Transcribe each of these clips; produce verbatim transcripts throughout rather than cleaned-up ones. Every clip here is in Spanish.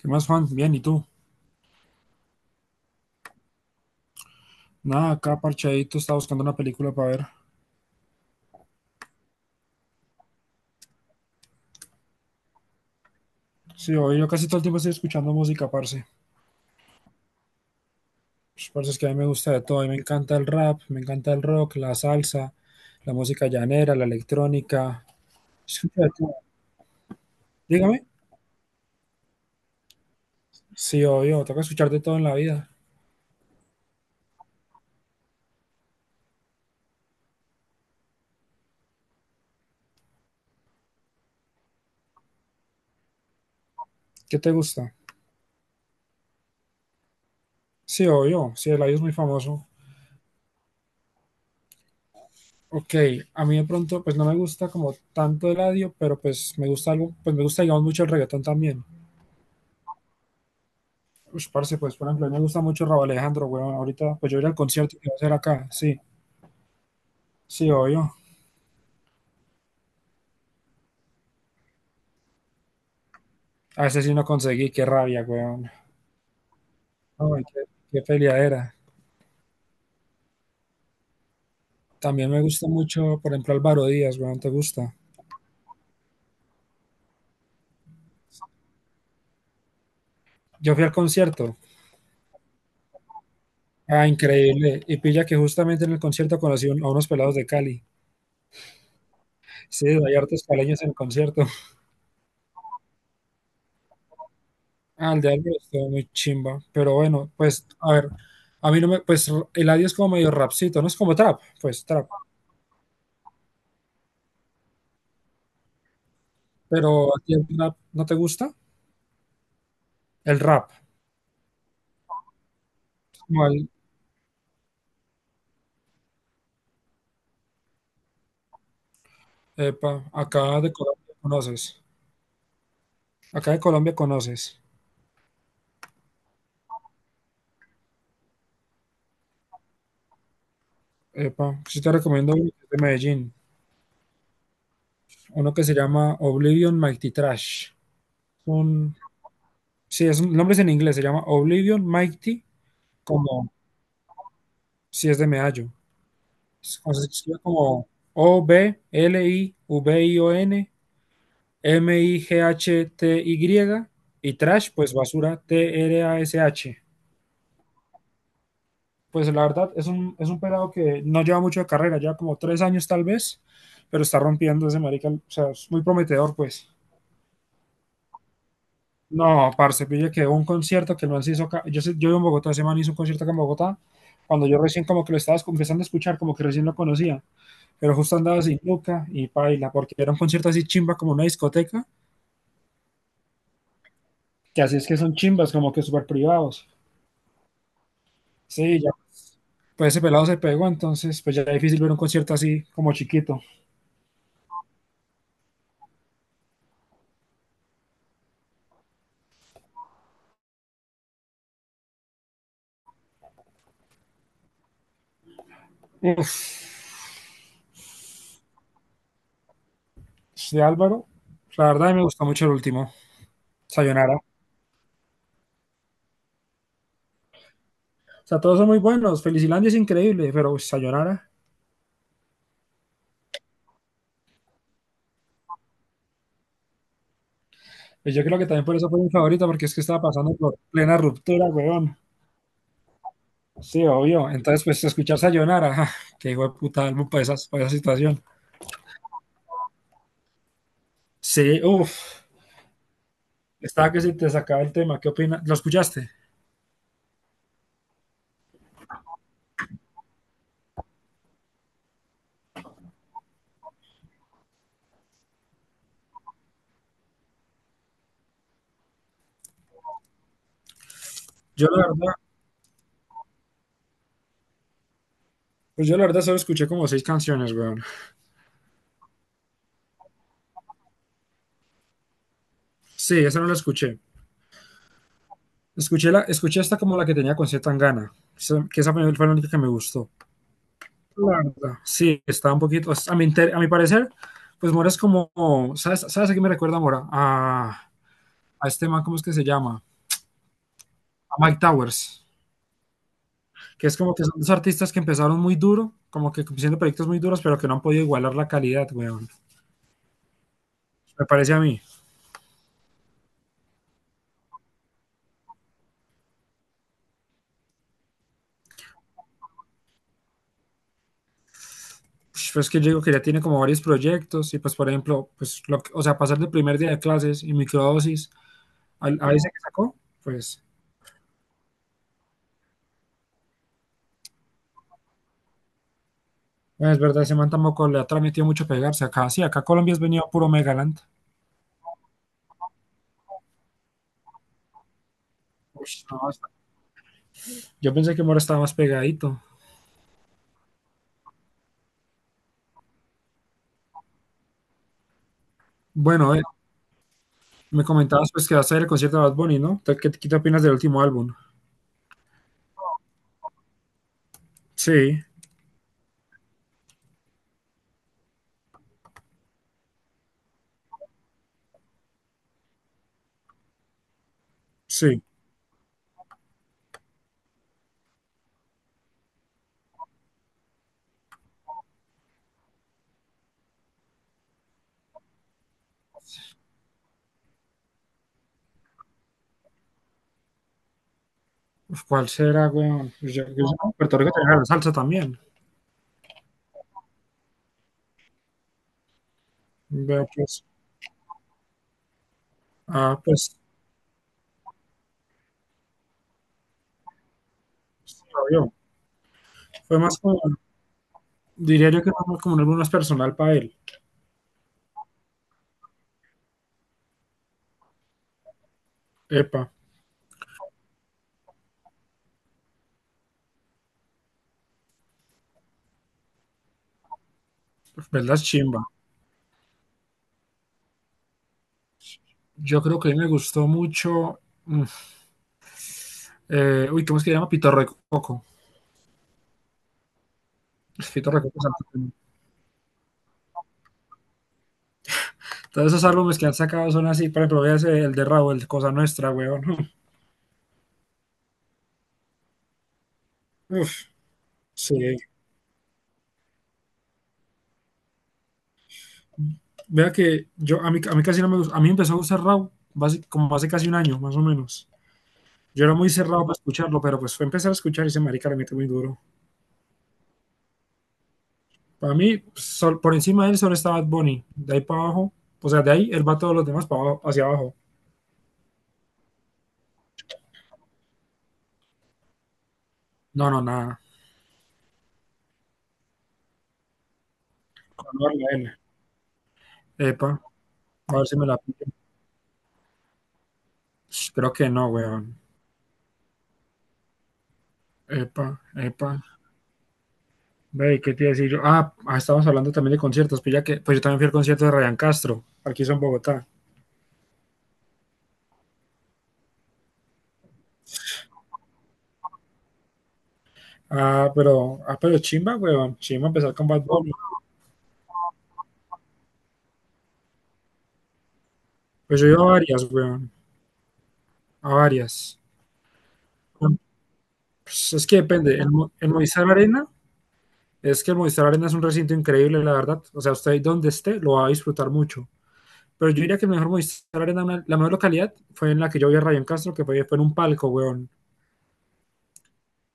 ¿Qué más, Juan? Bien, ¿y tú? Nada, acá parchadito, estaba buscando una película para ver. Sí, hoy yo casi todo el tiempo estoy escuchando música, parce. Pues, parce, es que a mí me gusta de todo. A mí me encanta el rap, me encanta el rock, la salsa, la música llanera, la electrónica. Escucho de todo. Dígame. Sí, obvio, toca escuchar de todo en la vida. ¿Qué te gusta? Sí, obvio, sí, Eladio es muy famoso. Ok, a mí de pronto, pues no me gusta como tanto Eladio, pero pues me gusta algo, pues me gusta, digamos, mucho el reggaetón también. Ush, parce, pues por ejemplo, a mí me gusta mucho Rauw Alejandro, weón. Ahorita, pues yo iré al concierto que va a hacer acá. Sí, sí, obvio. A ese sí no conseguí, qué rabia, weón. Ay, qué, qué peleadera. También me gusta mucho, por ejemplo, Álvaro Díaz, weón, ¿te gusta? Yo fui al concierto. Ah, increíble. Y pilla que justamente en el concierto conocí un- a unos pelados de Cali. Sí, hay hartos caleños en el concierto. Ah, el de Álvaro estuvo muy chimba. Pero bueno, pues, a ver. A mí no me, pues, el Eladio es como medio rapcito, no es como trap, pues trap. Pero a ti el trap no te gusta. El rap. Mal. Epa, acá de Colombia conoces. Acá de Colombia conoces. Epa, sí te recomiendo uno que es de Medellín. Uno que se llama Oblivion Mighty Trash. Un, sí, es un nombre es en inglés, se llama Oblivion Mighty, como si es de Medallo. Es- O sea, se escribe como O B L I V I O N M-I-G-H-T-Y y y trash, pues basura T R A S H. Pues la verdad es un, es un pelado que no lleva mucho de carrera, lleva como tres años tal vez, pero está rompiendo ese marica, o sea, es muy prometedor, pues. No, parce, pille que un concierto que el man se hizo acá, yo, sé- yo vivo en Bogotá, ese man hizo un concierto acá en Bogotá, cuando yo recién como que lo estaba escu- empezando a escuchar, como que recién lo conocía, pero justo andaba sin Luca y paila, porque era un concierto así chimba, como una discoteca, que así es que son chimbas, como que súper privados. Sí, ya, pues ese pelado se pegó, entonces pues ya es difícil ver un concierto así como chiquito. Uf. De Álvaro. La verdad, me gusta mucho el último, Sayonara. O sea, todos son muy buenos. Felicilandia es increíble, pero uy, Sayonara. Pues yo creo que también por eso fue mi favorita, porque es que estaba pasando por plena ruptura, weón. Sí, obvio. Entonces, pues escuchar Sayonara, que hijo de puta álbum para, esa para esa situación. Sí, uff. Estaba que se te sacaba el tema. ¿Qué opinas? ¿Lo escuchaste? Yo la verdad, pues yo la verdad solo escuché como seis canciones, weón. Sí, esa no la escuché. Escuché la, escuché esta como la que tenía con C. Tangana, esa- que esa fue fue la única que me gustó. La verdad, sí, está un poquito, a mi, inter- a mi parecer, pues Mora es como, ¿sabes, sabes a qué me recuerda Mora? A, a este man, ¿cómo es que se llama? A Mike Towers, que es como que son dos artistas que empezaron muy duro, como que haciendo proyectos muy duros, pero que no han podido igualar la calidad, weón. Me parece a mí. Pues es que yo digo que ya tiene como varios proyectos y pues, por ejemplo, pues, lo que- o sea, pasar del primer día de clases y microdosis al- a ese que sacó, pues, bueno, es verdad, ese man tampoco le ha transmitido mucho pegarse acá. Sí, acá Colombia es venido puro Megaland. Uy, no, yo pensé que Mora estaba más pegadito. Bueno, eh, me comentabas pues que vas a ir al concierto de Bad Bunny, ¿no? ¿Qué, qué te opinas del último álbum? Sí, sí. Uf, ¿cuál será, weón? Pues yo, yo- sé que en Puerto Rico tenía la salsa también. Veo pues, ah, pues, sí, lo vio. Fue más como, diría yo que fue más como un álbum más personal para él. Epa, ¿verdad? Chimba. Yo creo que a mí me gustó mucho, mm, eh, uy, ¿cómo es que se llama? Pitorro de Coco. Pitorro de Coco. Santo. Todos esos álbumes que han sacado son así, por ejemplo, véase el de Raúl, Cosa Nuestra, weón. ¿No? Uf, sí. Vea que yo, a mí, a mí casi no me gusta. A mí empezó a gustar raw basi- como hace casi un año, más o menos. Yo era muy cerrado para escucharlo, pero pues fue empezar a escuchar y ese marica le mete muy duro. Para mí, pues, sol- por encima de él solo está Bad Bunny. De ahí para abajo, o sea, de ahí él va todos los demás para abajo, hacia abajo. No, no, nada. Con Anuar la epa, a ver si me la pillo. Sh, creo que no, weón. Epa, epa. Ve, ¿qué te iba a decir yo? Ah, ah, estábamos hablando también de conciertos, pues ya que, pues yo también fui al concierto de Ryan Castro, aquí son Bogotá. Ah, pero, ah, pero chimba, weón. Chimba empezar con Bad Bunny. Pues yo he ido a varias, weón. A varias. Pues es que depende. El, Mo- el Movistar Arena, es que el Movistar Arena es un recinto increíble, la verdad. O sea, usted ahí donde esté lo va a disfrutar mucho. Pero yo diría que el mejor Movistar Arena, una- la mejor localidad fue en la que yo vi a Ryan Castro, que fue, fue en un palco, weón.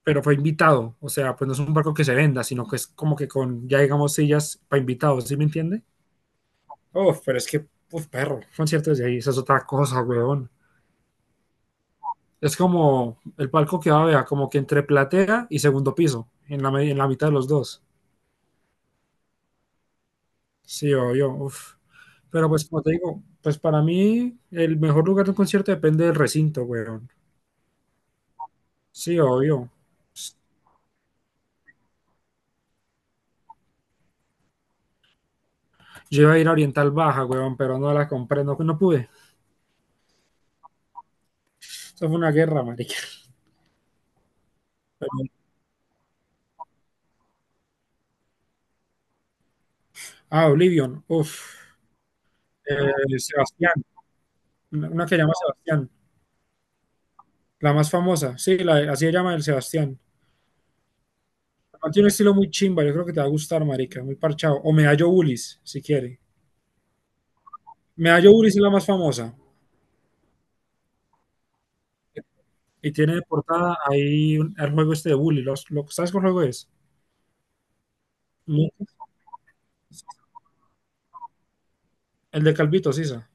Pero fue invitado. O sea, pues no es un palco que se venda, sino que es como que con, ya digamos, sillas para invitados, ¿sí me entiende? Oh, pero es que, uf, perro, conciertos de ahí, esa es otra cosa, weón. Es como el palco que va a ver, como que entre platea y segundo piso, en la, me- en la mitad de los dos. Sí, o yo, uf. Pero pues como te digo, pues para mí el mejor lugar de un concierto depende del recinto, weón. Sí, obvio. Yo iba a ir a Oriental Baja, weón, pero no la compré, no, no pude. Eso fue una guerra, marica. Pero- ah, Oblivion, uff. Sebastián, una que llama Sebastián, la más famosa, sí, la, así se llama el Sebastián. Man tiene un estilo muy chimba, yo creo que te va a gustar, marica, muy parchado. O Medallo Bullis, si quiere. Medallo Bullis es la más famosa. Y tiene de portada ahí un- el juego este de Bully. Los, lo- ¿Sabes qué juego es? No. El de Calvito, Sisa.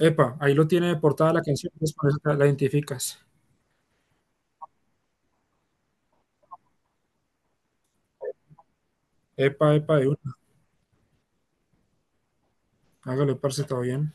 Epa, ahí lo tiene de portada la canción, pues por eso te la identificas. Epa, epa, de una. Hágale, parce, todo bien.